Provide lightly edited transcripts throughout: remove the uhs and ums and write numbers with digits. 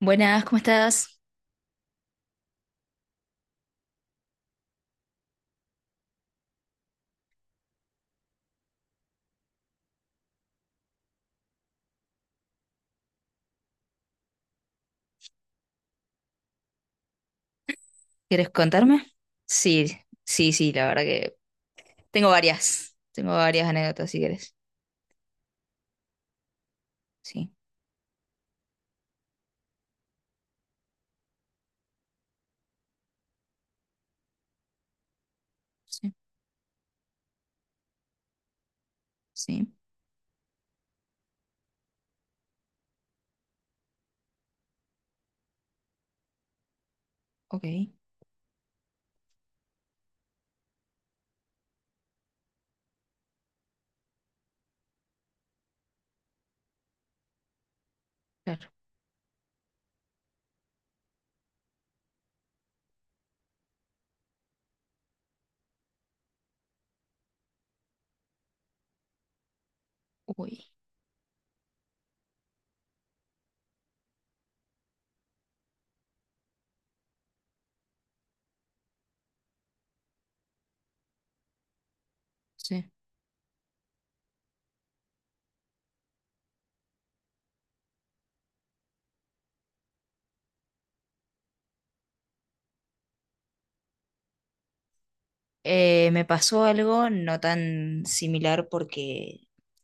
Buenas, ¿cómo estás? ¿Quieres contarme? Sí, sí, sí, la verdad que tengo varias anécdotas si quieres. Sí, sí, sí, ok, claro, uy, sí. Me pasó algo no tan similar porque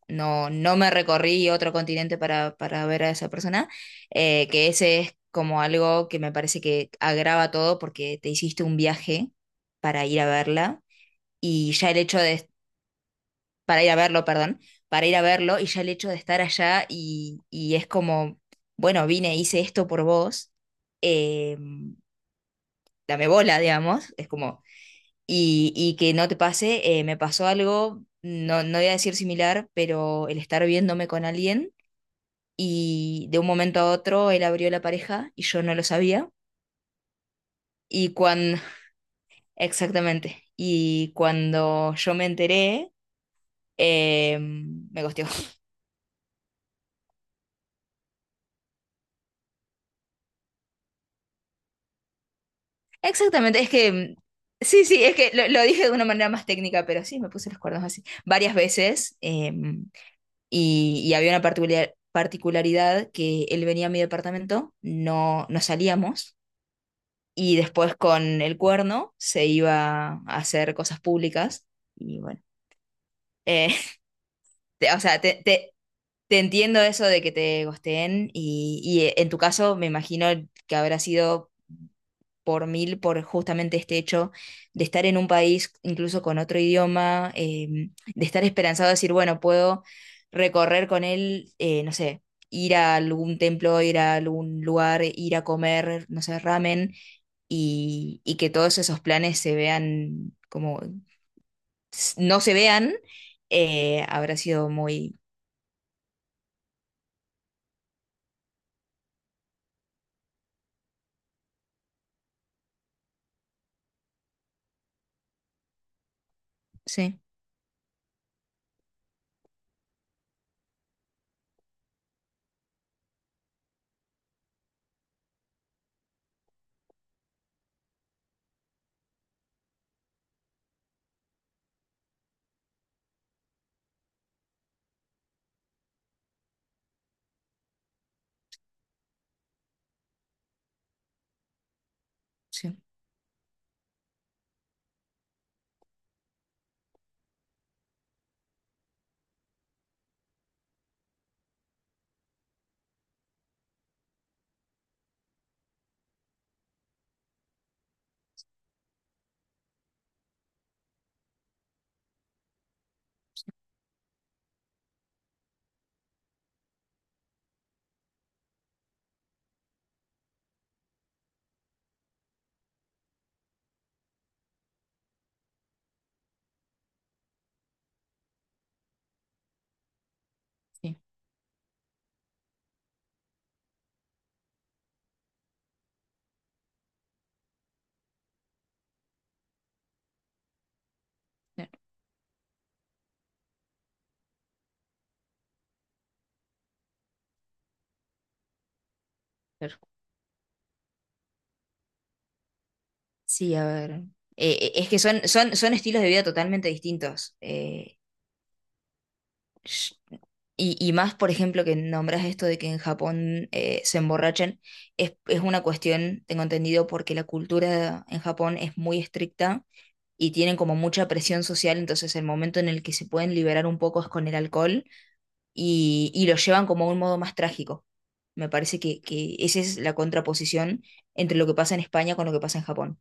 no me recorrí otro continente para ver a esa persona. Eh, que ese es como algo que me parece que agrava todo porque te hiciste un viaje para ir a verla. Y ya el hecho de para ir a verlo, perdón, para ir a verlo, y ya el hecho de estar allá, y es como, bueno, vine, hice esto por vos. Eh, dame bola, digamos, es como, y que no te pase. Eh, me pasó algo, no voy a decir similar, pero el estar viéndome con alguien y de un momento a otro él abrió la pareja y yo no lo sabía. Y cuando, exactamente, y cuando yo me enteré, me gosteó. Exactamente, es que sí, sí, es que lo dije de una manera más técnica, pero sí, me puse los cuernos así varias veces. Y había una particularidad que él venía a mi departamento, no salíamos, y después con el cuerno se iba a hacer cosas públicas. Y bueno, eh, o sea, te entiendo eso de que te gosteen. Y, y en tu caso me imagino que habrá sido por mil por justamente este hecho de estar en un país incluso con otro idioma. Eh, de estar esperanzado a decir, bueno, puedo recorrer con él, no sé, ir a algún templo, ir a algún lugar, ir a comer, no sé, ramen. Y que todos esos planes se vean como no se vean, habrá sido muy. Sí, sí, sí. Claro, claro. Sí, a ver. Es que son, son estilos de vida totalmente distintos. Sh- y más, por ejemplo, que nombras esto de que en Japón se emborrachan. Es una cuestión, tengo entendido, porque la cultura en Japón es muy estricta y tienen como mucha presión social. Entonces el momento en el que se pueden liberar un poco es con el alcohol, y lo llevan como a un modo más trágico. Me parece que esa es la contraposición entre lo que pasa en España con lo que pasa en Japón.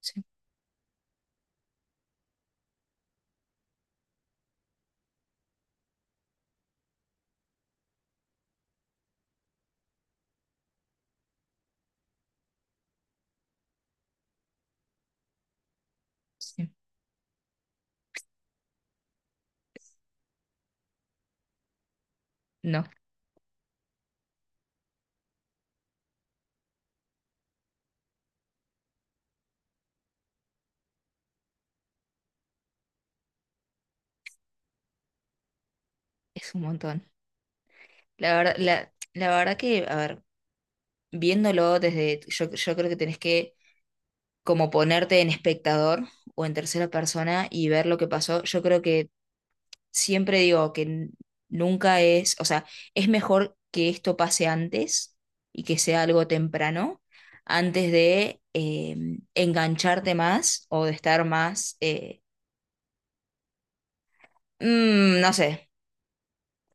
Sí, sí. No, es un montón. La verdad, la verdad que, a ver, viéndolo desde, yo creo que tenés que como ponerte en espectador o en tercera persona y ver lo que pasó. Yo creo que siempre digo que nunca es, o sea, es mejor que esto pase antes y que sea algo temprano, antes de engancharte más o de estar más, no sé.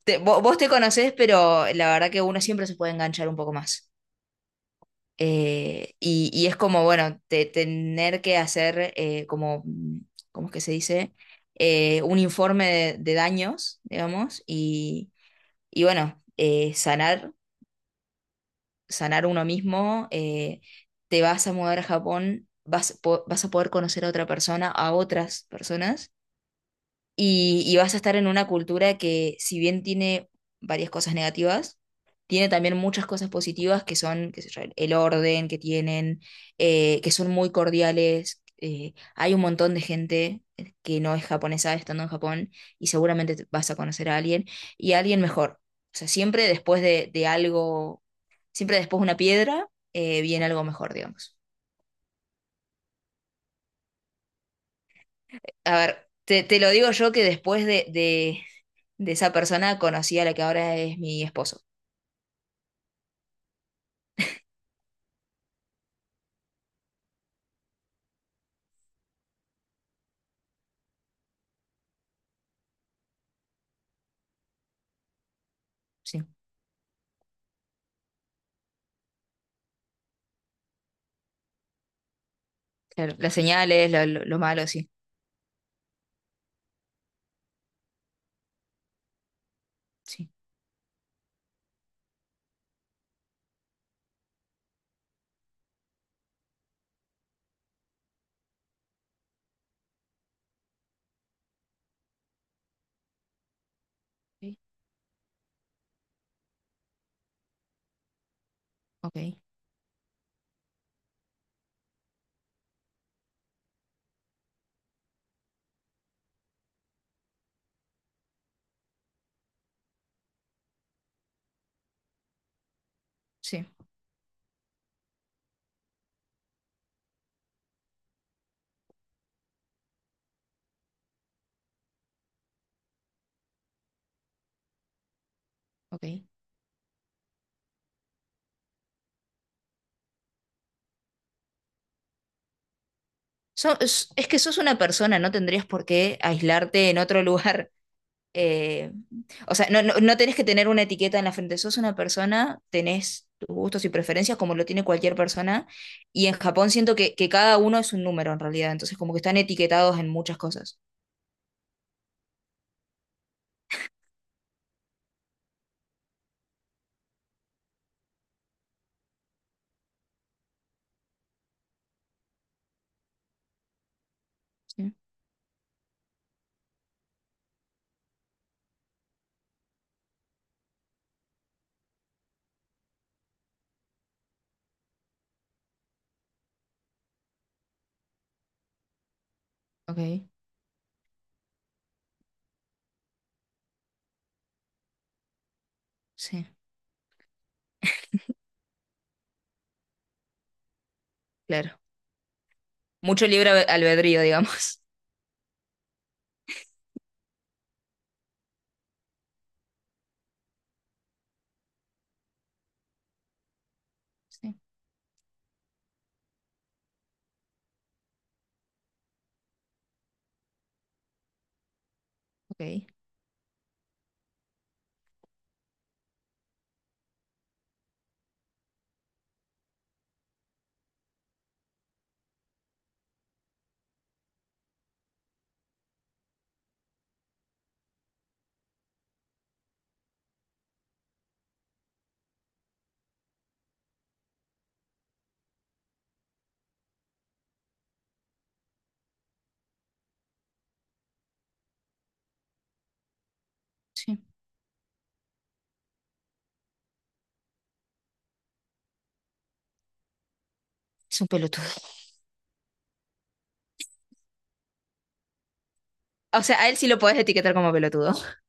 Vos te conocés, pero la verdad que uno siempre se puede enganchar un poco más. Y es como, bueno, tener que hacer como, ¿cómo es que se dice? Un informe de daños, digamos. Y bueno, sanar, uno mismo. Eh, te vas a mudar a Japón, vas a poder conocer a otra persona, a otras personas, y vas a estar en una cultura que, si bien tiene varias cosas negativas, tiene también muchas cosas positivas que son, qué sé yo, el orden que tienen, que son muy cordiales. Hay un montón de gente que no es japonesa estando en Japón y seguramente vas a conocer a alguien, y a alguien mejor. O sea, siempre después de algo, siempre después de una piedra, viene algo mejor, digamos. A ver, te lo digo yo que después de, de esa persona conocí a la que ahora es mi esposo. Sí, claro. Las señales, lo malo, sí. Sí. Ok, ok, sí, ok. Es, que sos una persona, no tendrías por qué aislarte en otro lugar. eh, o sea, no, no tenés que tener una etiqueta en la frente. Sos una persona, tenés tus gustos y preferencias como lo tiene cualquier persona. Y en Japón siento que cada uno es un número en realidad. Entonces, como que están etiquetados en muchas cosas. Sí, ok. Sí, claro. Mucho libre albedrío, digamos. Sí, ok. Sí, es un pelotudo. O sea, a él sí lo podés etiquetar como pelotudo.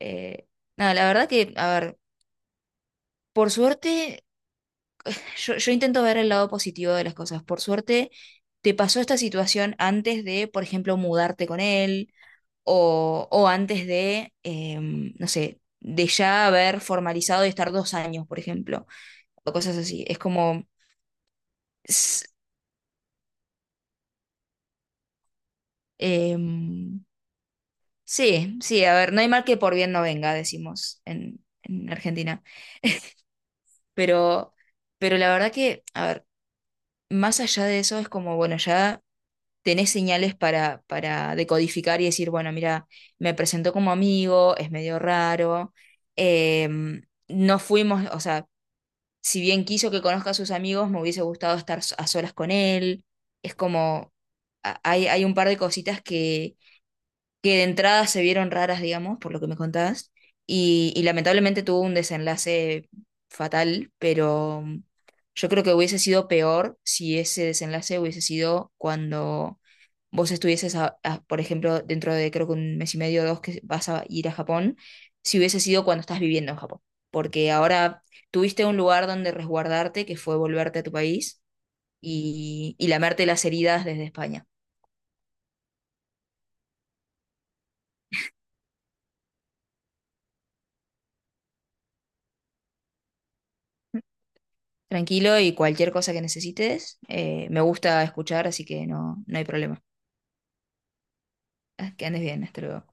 Eh, no, la verdad que, a ver, por suerte, yo intento ver el lado positivo de las cosas. Por suerte, te pasó esta situación antes de, por ejemplo, mudarte con él, o antes de, no sé, de ya haber formalizado y estar 2 años, por ejemplo, o cosas así. Es como. s- em, Sí, sí, a ver, no hay mal que por bien no venga, decimos en, Argentina. Pero, pero la verdad que, a ver, más allá de eso es como, bueno, ya tenés señales para, decodificar y decir, bueno, mira, me presentó como amigo, es medio raro. No fuimos, o sea, si bien quiso que conozca a sus amigos, me hubiese gustado estar a solas con él. Es como, hay, un par de cositas que de entrada se vieron raras, digamos, por lo que me contabas, y lamentablemente tuvo un desenlace fatal. Pero yo creo que hubiese sido peor si ese desenlace hubiese sido cuando vos estuvieses, por ejemplo, dentro de creo que un mes y medio o dos que vas a ir a Japón. Si hubiese sido cuando estás viviendo en Japón, porque ahora tuviste un lugar donde resguardarte, que fue volverte a tu país, y lamerte las heridas desde España. Tranquilo, y cualquier cosa que necesites, me gusta escuchar, así que no hay problema. Ah, que andes bien, hasta luego.